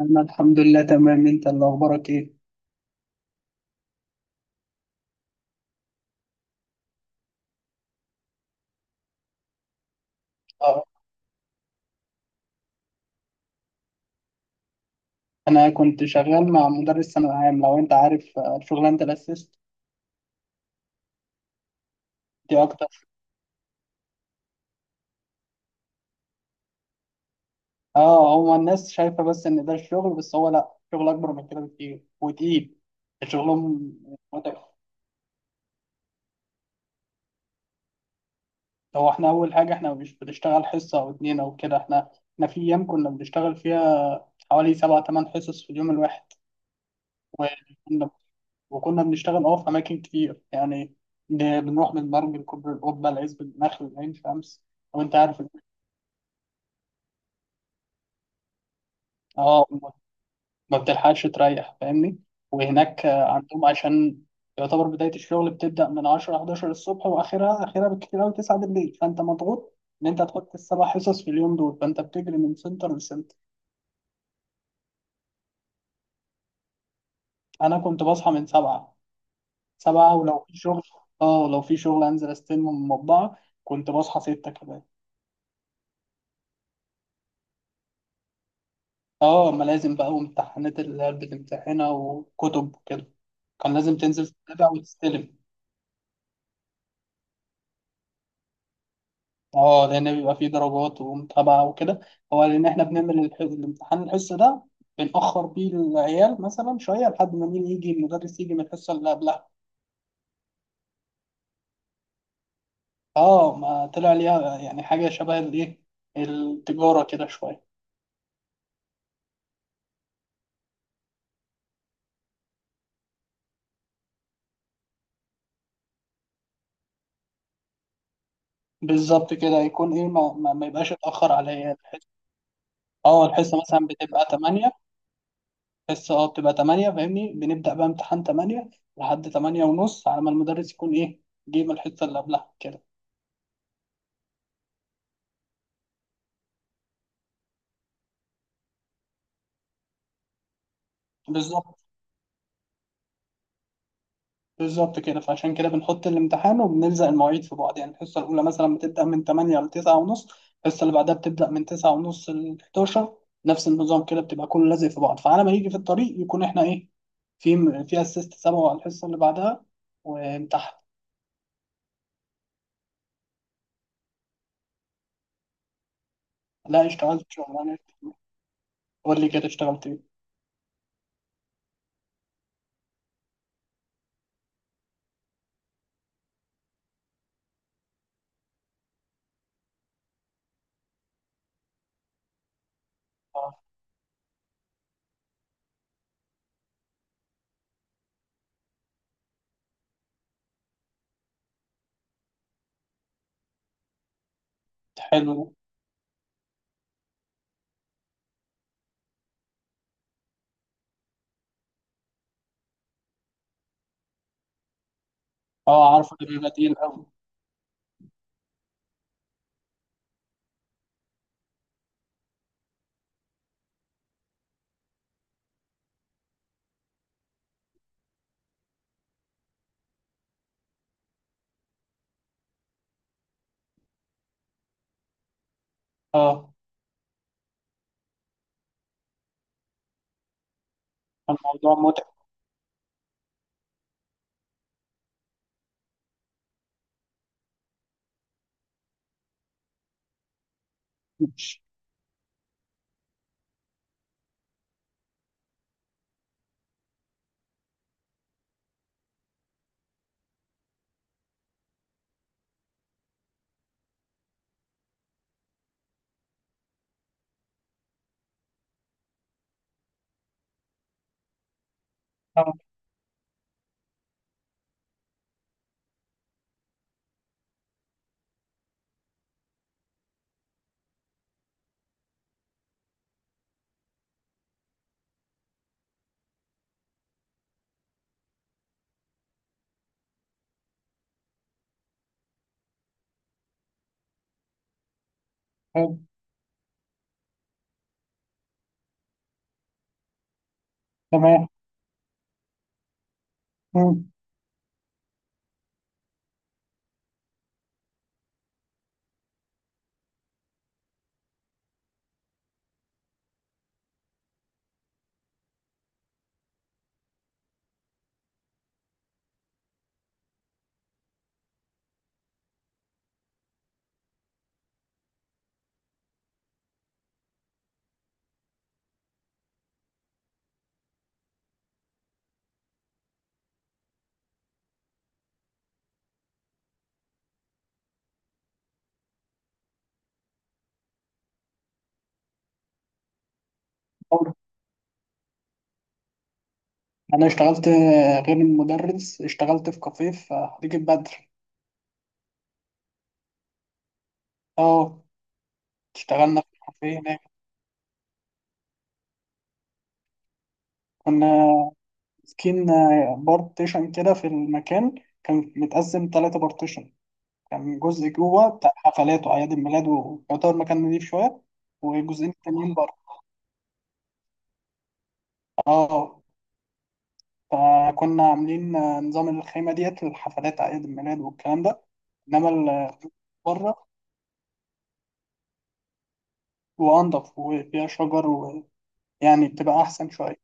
أنا الحمد لله تمام، أنت اللي أخبارك إيه؟ أه. أنا كنت شغال مع مدرس ثانوي عام، لو أنت عارف شغلانة الأسيست دي أكتر. أه، هو الناس شايفة بس إن ده الشغل، بس هو لأ، شغل أكبر من كده بكتير وتقيل. شغلهم متعب. هو إحنا أول حاجة، إحنا مش بنشتغل حصة أو اتنين أو كده. إحنا في أيام كنا بنشتغل فيها حوالي 7 8 حصص في اليوم الواحد. وكنا وكنا بنشتغل في أماكن كتير يعني. بنروح من مرج لكوبري القبة لعزب النخل لعين شمس. وأنت عارف اه، ما بتلحقش تريح، فاهمني. وهناك عندهم، عشان يعتبر بداية الشغل بتبدأ من 10 11 الصبح، وآخرها بالكتير أوي 9 بالليل. فأنت مضغوط إن أنت تحط السبع حصص في اليوم دول، فأنت بتجري من سنتر لسنتر. أنا كنت بصحى من 7. 7، ولو في شغل. اه، لو في شغل أنزل أستلمه من المطبعة، كنت بصحى 6 كده. اه، ملازم بقى وامتحانات اللي هي بتمتحنها وكتب وكده، كان لازم تنزل تتابع وتستلم. اه، لان بيبقى فيه درجات ومتابعه وكده. هو لان احنا بنعمل الامتحان الحصه ده، بنأخر بيه العيال مثلا شويه لحد ما مين يجي المدرس يجي من الحصه اللي قبلها. اه، ما طلع ليها يعني حاجه شبه الايه، التجاره كده شويه. بالظبط كده، يكون ايه، ما يبقاش اتأخر على العيال الحصه. اه، الحصه مثلا بتبقى 8، بس بتبقى 8 فاهمني، بنبدأ بقى امتحان 8 لحد 8 ونص على ما المدرس يكون ايه، جه من الحصة اللي قبلها كده. بالظبط، بالظبط كده. فعشان كده بنحط الامتحان وبنلزق المواعيد في بعض، يعني الحصة الأولى مثلا بتبدأ من 8 ل 9 ونص، الحصة اللي بعدها بتبدأ من 9 ونص ل 11. نفس النظام كده، بتبقى كله لازق في بعض، فعلى ما يجي في الطريق يكون احنا ايه، في في اسيست سبعه على الحصة اللي بعدها، وامتحن. لا، اشتغلت شغلانة. قول لي كده اشتغلت ايه. اه، حلو ده. اه، عارفه، ده بيبقى تقيل قوي. اه، الموضوع متعب. مش آه، تمام. مم. أوه. انا اشتغلت غير المدرس اشتغلت في كافيه في خليج البدر. اه، اشتغلنا في كافيه هناك. كنا ماسكين بارتيشن كده في المكان، كان متقسم 3 بارتيشن. كان جزء جوه بتاع حفلات وأعياد الميلاد، ويعتبر مكان نضيف شوية. وجزئين تانيين بره. اه، فكنا عاملين نظام الخيمة ديت للحفلات أعياد الميلاد والكلام ده. إنما بره، وأنضف وفيها شجر، ويعني بتبقى أحسن شوية.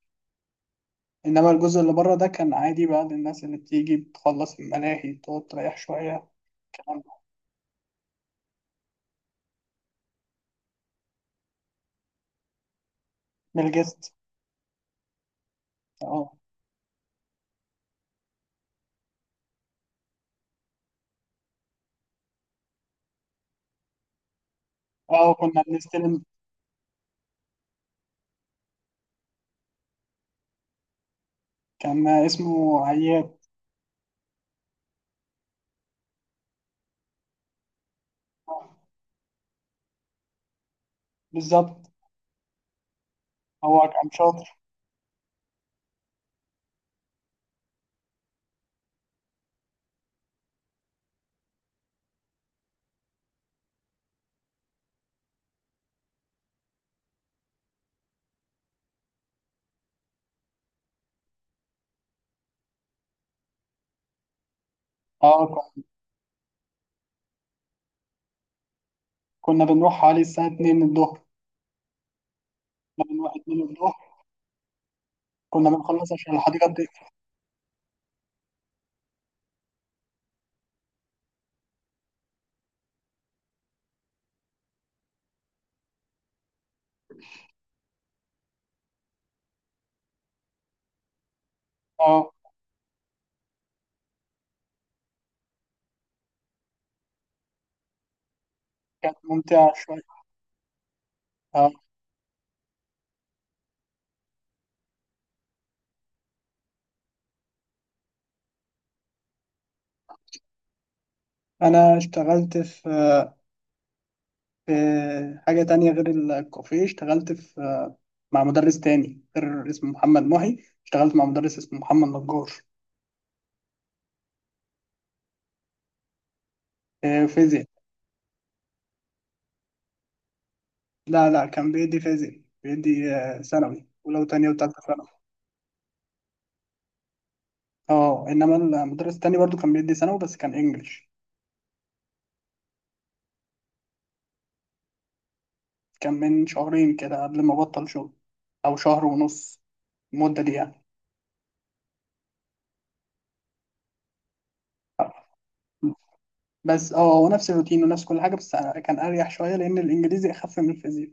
إنما الجزء اللي بره ده كان عادي بقى، للناس اللي بتيجي بتخلص الملاهي تقعد تريح شوية الكلام ده. بالجست. اه، اه، كنا بنستلم. كان اسمه عياد. بالظبط. هو كان شاطر. اه، كنا بنروح حوالي الساعة 2 الظهر. كنا بنروح 2 الظهر. كنا بنخلص عشان الحديقة بتقفل. اه، كانت ممتعة شوية. اه، أنا اشتغلت في حاجة تانية غير الكافيه، اشتغلت في مع مدرس تاني غير اسمه محمد محي. اشتغلت مع مدرس اسمه محمد نجار. فيزياء. لا، لا، كان بيدي فيزياء، بيدي ثانوي، ولو تانية وتالتة ثانوي. اه، انما المدرس التاني برضو كان بيدي ثانوي بس كان انجلش. كان من شهرين كده، قبل ما بطل شغل، او شهر ونص، المدة دي يعني. بس هو نفس الروتين ونفس كل حاجة، بس أنا كان اريح شوية لان الانجليزي اخف من الفيزياء.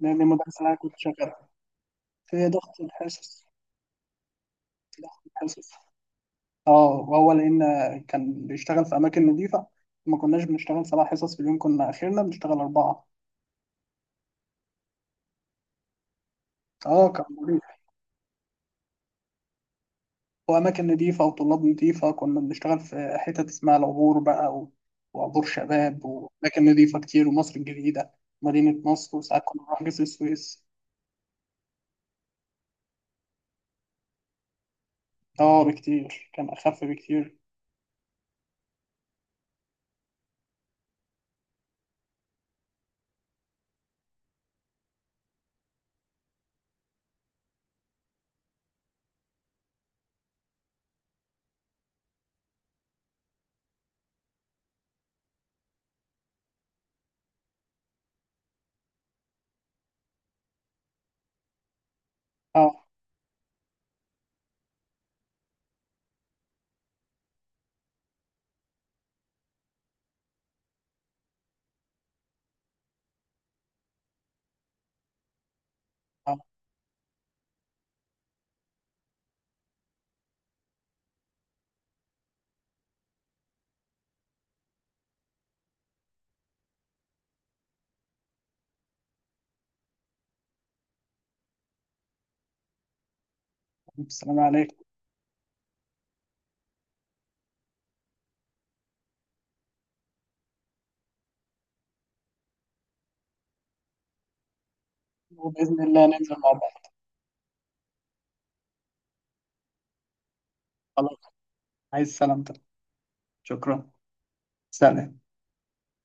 لان المدرس اللي انا كنت شغال، في ضغط الحصص. لا. حصص. اه، وهو لان كان بيشتغل في اماكن نظيفه، ما كناش بنشتغل 7 حصص في اليوم، كنا اخرنا بنشتغل 4. اه، كان مريح. واماكن نظيفه وطلاب نظيفه، كنا بنشتغل في حتت اسمها العبور بقى وعبور شباب، واماكن نظيفه كتير، ومصر الجديده. مدينه نصر، وساعات كنا بنروح جسر السويس. اه، بكتير، كان اخف بكتير. اه. اه، السلام عليكم. وباذن الله ننزل مع بعض. خلاص. عايز سلامتك. شكرا. سلام.